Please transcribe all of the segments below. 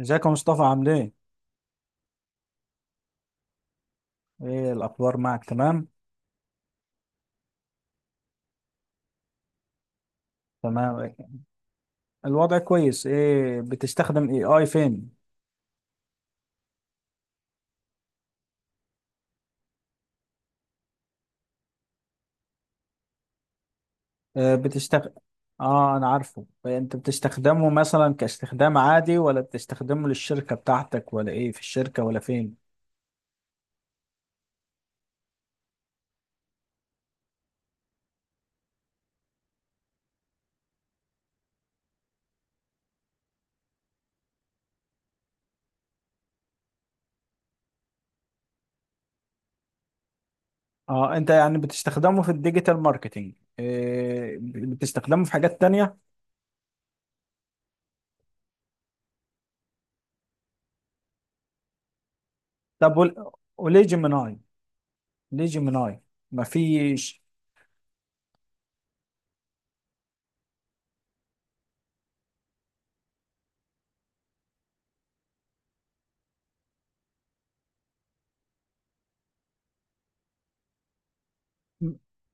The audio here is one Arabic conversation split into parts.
ازيك يا مصطفى؟ عامل ايه؟ ايه الاخبار معك؟ تمام؟ تمام، الوضع كويس. ايه بتستخدم اي اي فين؟ اه بتستخدم. اه انا عارفه انت بتستخدمه مثلا كاستخدام عادي ولا بتستخدمه للشركة بتاعتك، ولا ايه في الشركة ولا فين؟ اه انت يعني بتستخدمه في الديجيتال ماركتينج، إيه بتستخدمه في حاجات تانية؟ طب وليه جيميناي؟ ليه جيميناي؟ ما فيش.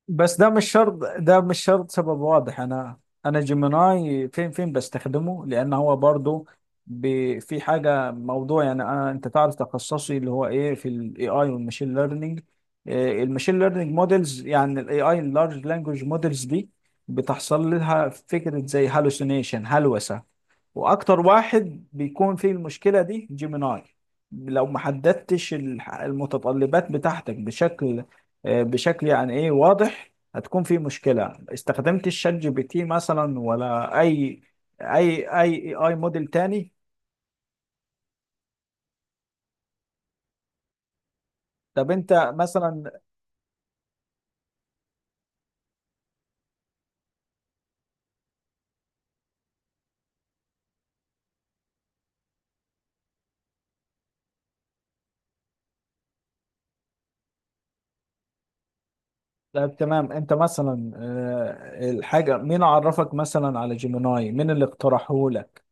بس ده مش شرط. ده مش شرط سبب واضح. انا انا جيميناي فين فين بستخدمه لان هو برضو في حاجه موضوع، يعني انا انت تعرف تخصصي اللي هو ايه في الاي اي والماشين ليرنينج. الماشين ليرنينج موديلز، يعني الاي اي اللارج لانجوج موديلز دي بتحصل لها فكره زي هالوسينيشن، هلوسه. واكتر واحد بيكون فيه المشكله دي جيميناي. لو ما حددتش المتطلبات بتاعتك بشكل بشكل يعني ايه واضح، هتكون في مشكلة. استخدمت الشات جي بي تي مثلا، ولا اي اي موديل تاني؟ طب انت مثلا. طب تمام، انت مثلا الحاجة مين عرفك مثلا على جيميناي؟ مين اللي اقترحه لك؟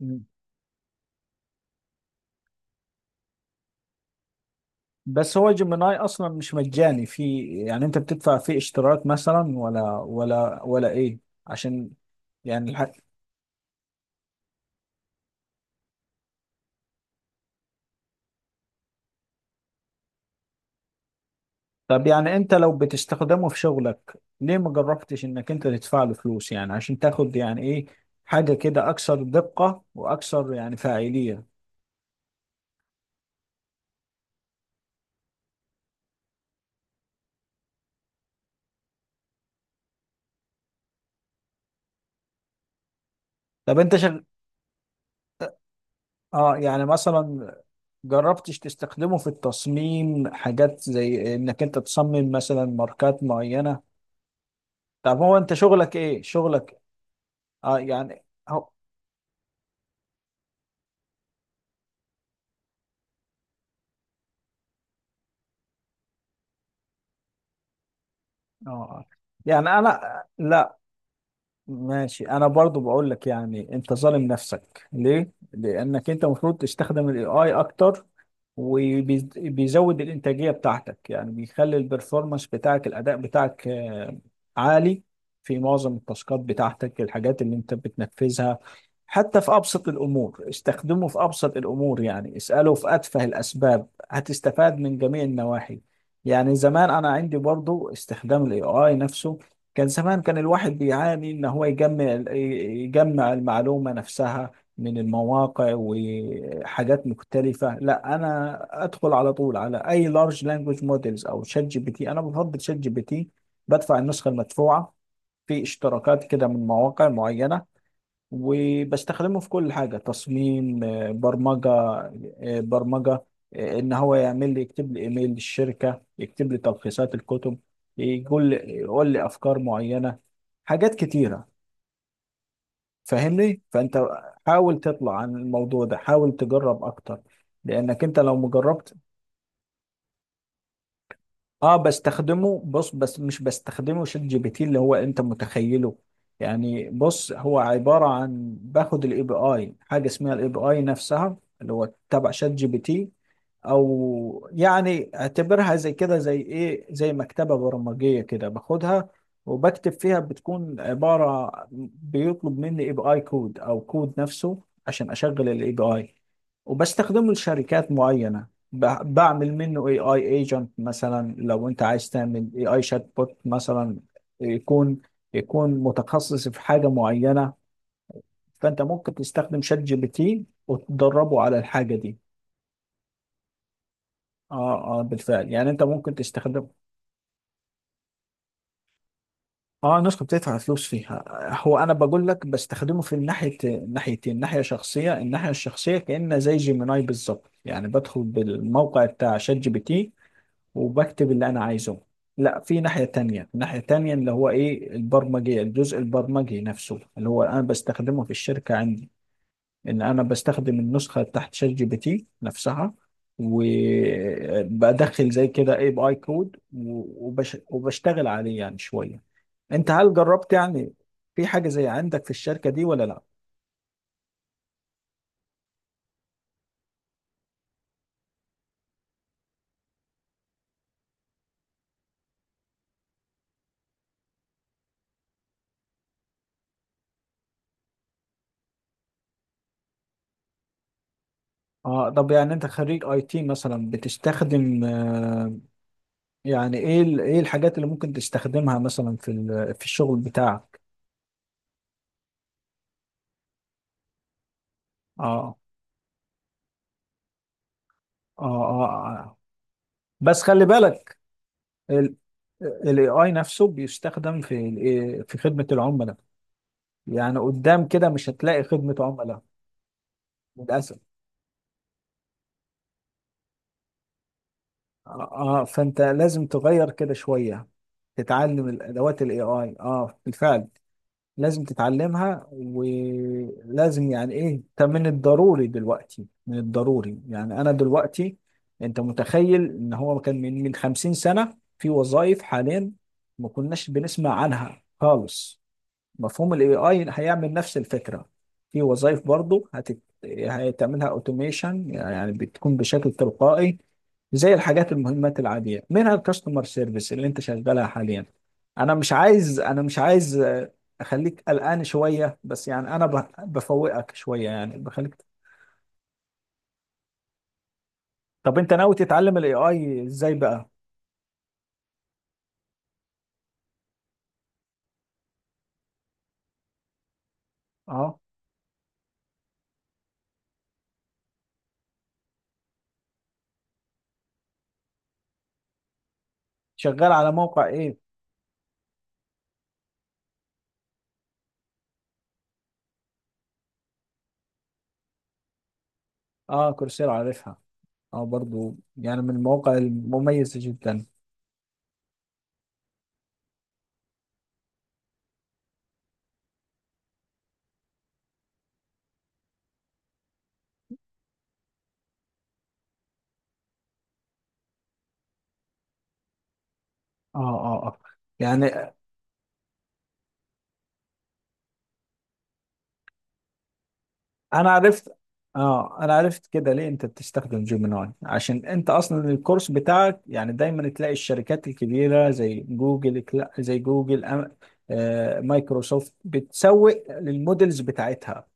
مم. بس هو جيميناي اصلا مش مجاني؟ في يعني انت بتدفع فيه اشتراك مثلا، ولا ايه؟ عشان يعني طب يعني انت لو بتستخدمه في شغلك، ليه ما جربتش انك انت تدفع له فلوس، يعني عشان تاخد يعني ايه، حاجة كده اكثر دقة واكثر يعني فاعلية؟ طب انت اه، يعني مثلا جربتش تستخدمه في التصميم، حاجات زي انك انت تصمم مثلا ماركات معينة؟ طب هو انت شغلك ايه؟ شغلك اه يعني هو... اه يعني انا لا. ماشي، انا برضو بقول لك يعني انت ظالم نفسك ليه، لانك انت المفروض تستخدم الاي اي اكتر. وبيزود الإنتاجية بتاعتك، يعني بيخلي البرفورمانس بتاعك، الأداء بتاعك عالي في معظم التاسكات بتاعتك، الحاجات اللي أنت بتنفذها. حتى في أبسط الأمور، استخدمه في أبسط الأمور، يعني اسأله في أتفه الأسباب هتستفاد من جميع النواحي. يعني زمان أنا عندي برضو استخدام ال AI نفسه، كان زمان كان الواحد بيعاني إن هو يجمع المعلومة نفسها من المواقع وحاجات مختلفة. لا، أنا أدخل على طول على أي لارج لانجوج موديلز أو شات جي بي تي. أنا بفضل شات جي بي تي، بدفع النسخة المدفوعة، في اشتراكات كده من مواقع معينة. وبستخدمه في كل حاجة: تصميم، برمجة، برمجة، إن هو يعمل لي، يكتب لي إيميل للشركة، يكتب لي تلخيصات الكتب، يقول لي أفكار معينة، حاجات كتيرة. فاهمني؟ فانت حاول تطلع عن الموضوع ده، حاول تجرب اكتر، لانك انت لو مجربتش. اه بستخدمه، بص، بس مش بستخدمه شات جي بي تي اللي هو انت متخيله. يعني بص، هو عبارة عن باخد الاي بي اي، حاجة اسمها الاي بي اي نفسها اللي هو تبع شات جي بي تي، او يعني اعتبرها زي كده زي ايه، زي مكتبة برمجية كده، باخدها وبكتب فيها، بتكون عبارة بيطلب مني اي بي اي كود او كود نفسه عشان اشغل الاي بي اي. وبستخدمه لشركات معينة. بعمل منه اي اي ايجنت مثلا. لو انت عايز تعمل اي اي شات بوت مثلا، يكون يكون متخصص في حاجه معينه، فانت ممكن تستخدم شات جي بي تي وتدربه على الحاجه دي. اه اه بالفعل، يعني انت ممكن تستخدم. اه، نسخه بتدفع فلوس فيها. هو انا بقول لك بستخدمه في الناحيه، ناحيتين: ناحيه شخصيه، الناحيه الشخصيه كانه زي جيميناي بالظبط، يعني بدخل بالموقع بتاع شات جي بي تي وبكتب اللي انا عايزه. لا، في ناحية تانية، ناحية تانية اللي هو ايه، البرمجي، الجزء البرمجي نفسه، اللي هو انا بستخدمه في الشركة عندي. ان انا بستخدم النسخة تحت شات جي بي تي نفسها، وبدخل زي كده اي بي اي كود، وبشتغل عليه يعني شوية. انت هل جربت يعني، في حاجة زي عندك في الشركة دي ولا لا؟ اه طب يعني انت خريج اي تي مثلا، بتستخدم يعني ايه ايه الحاجات اللي ممكن تستخدمها مثلا في في الشغل بتاعك؟ اه اه اه آه. بس خلي بالك، ال الاي اي نفسه بيستخدم في في خدمة العملاء. يعني قدام كده مش هتلاقي خدمة عملاء، للأسف. اه فانت لازم تغير كده شوية، تتعلم الادوات الاي اي. اه بالفعل، لازم تتعلمها، ولازم يعني ايه، ده من الضروري دلوقتي، من الضروري. يعني انا دلوقتي، انت متخيل ان هو كان من 50 سنة في وظائف حاليا ما كناش بنسمع عنها خالص؟ مفهوم الاي اي هيعمل نفس الفكره. في وظائف برضه هتعملها اوتوميشن، يعني بتكون بشكل تلقائي، زي الحاجات المهمات العاديه، منها الكاستمر سيرفيس اللي انت شغالها حاليا. انا مش عايز، انا مش عايز اخليك قلقان شويه، بس يعني انا بفوقك شويه، يعني بخليك. طب انت ناوي تتعلم الاي اي ازاي بقى؟ اه شغال على موقع ايه؟ اه كورسيرا، عارفها. اه برضو يعني من المواقع المميزه جدا. اه اه اه، يعني انا عرفت. اه انا عرفت كده ليه انت بتستخدم جيميناي، عشان انت اصلا الكورس بتاعك، يعني دايما تلاقي الشركات الكبيره زي جوجل زي جوجل مايكروسوفت بتسوق للمودلز بتاعتها.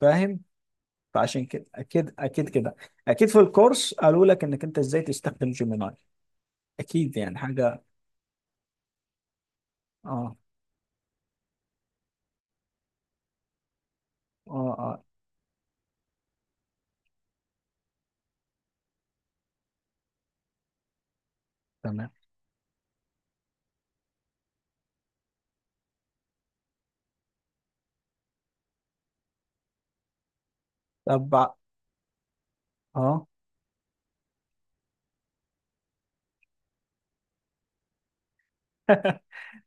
فاهم. فعشان كده اكيد، اكيد كده. اكيد في الكورس قالوا لك انك انت ازاي تستخدم جيميناي، اكيد يعني حاجه. اه اه اه. تمام. طب اه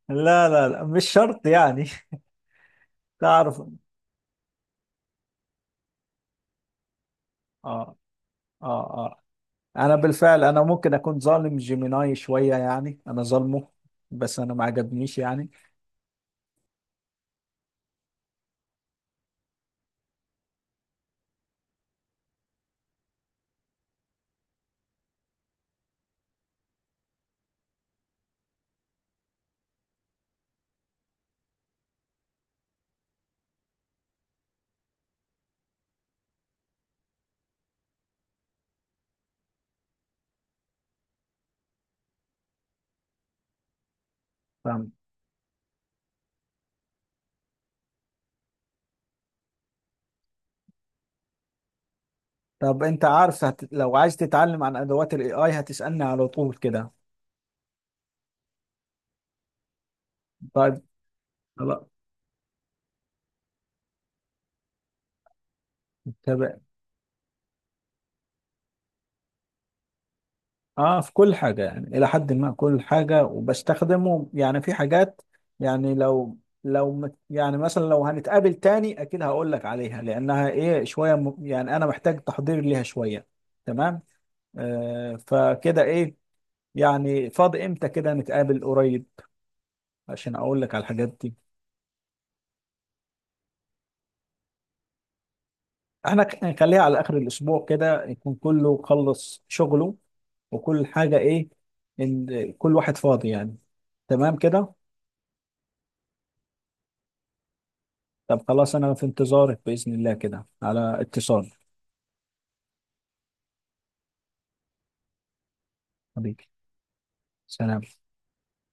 لا لا لا، مش شرط يعني. تعرف. اه اه آه. انا بالفعل انا ممكن اكون ظالم جيميناي شويه، يعني انا ظالمه، بس انا ما عجبنيش يعني. فاهم. طب انت عارف لو عايز تتعلم عن ادوات الاي اي هتسالني على طول كده. طيب. خلاص. طب اه في كل حاجه، يعني الى حد ما كل حاجه. وبستخدمه يعني في حاجات، يعني لو، لو يعني مثلا لو هنتقابل تاني اكيد هقول لك عليها، لانها ايه، شويه يعني انا محتاج تحضير ليها شويه. تمام. آه فكده ايه، يعني فاضي امتى كده نتقابل قريب عشان اقول لك على الحاجات دي؟ احنا هنخليها على اخر الاسبوع كده، يكون كله خلص شغله وكل حاجة، ايه، ان كل واحد فاضي يعني. تمام كده. طب خلاص، انا في انتظارك بإذن الله، كده على اتصال. حبيبي. سلام.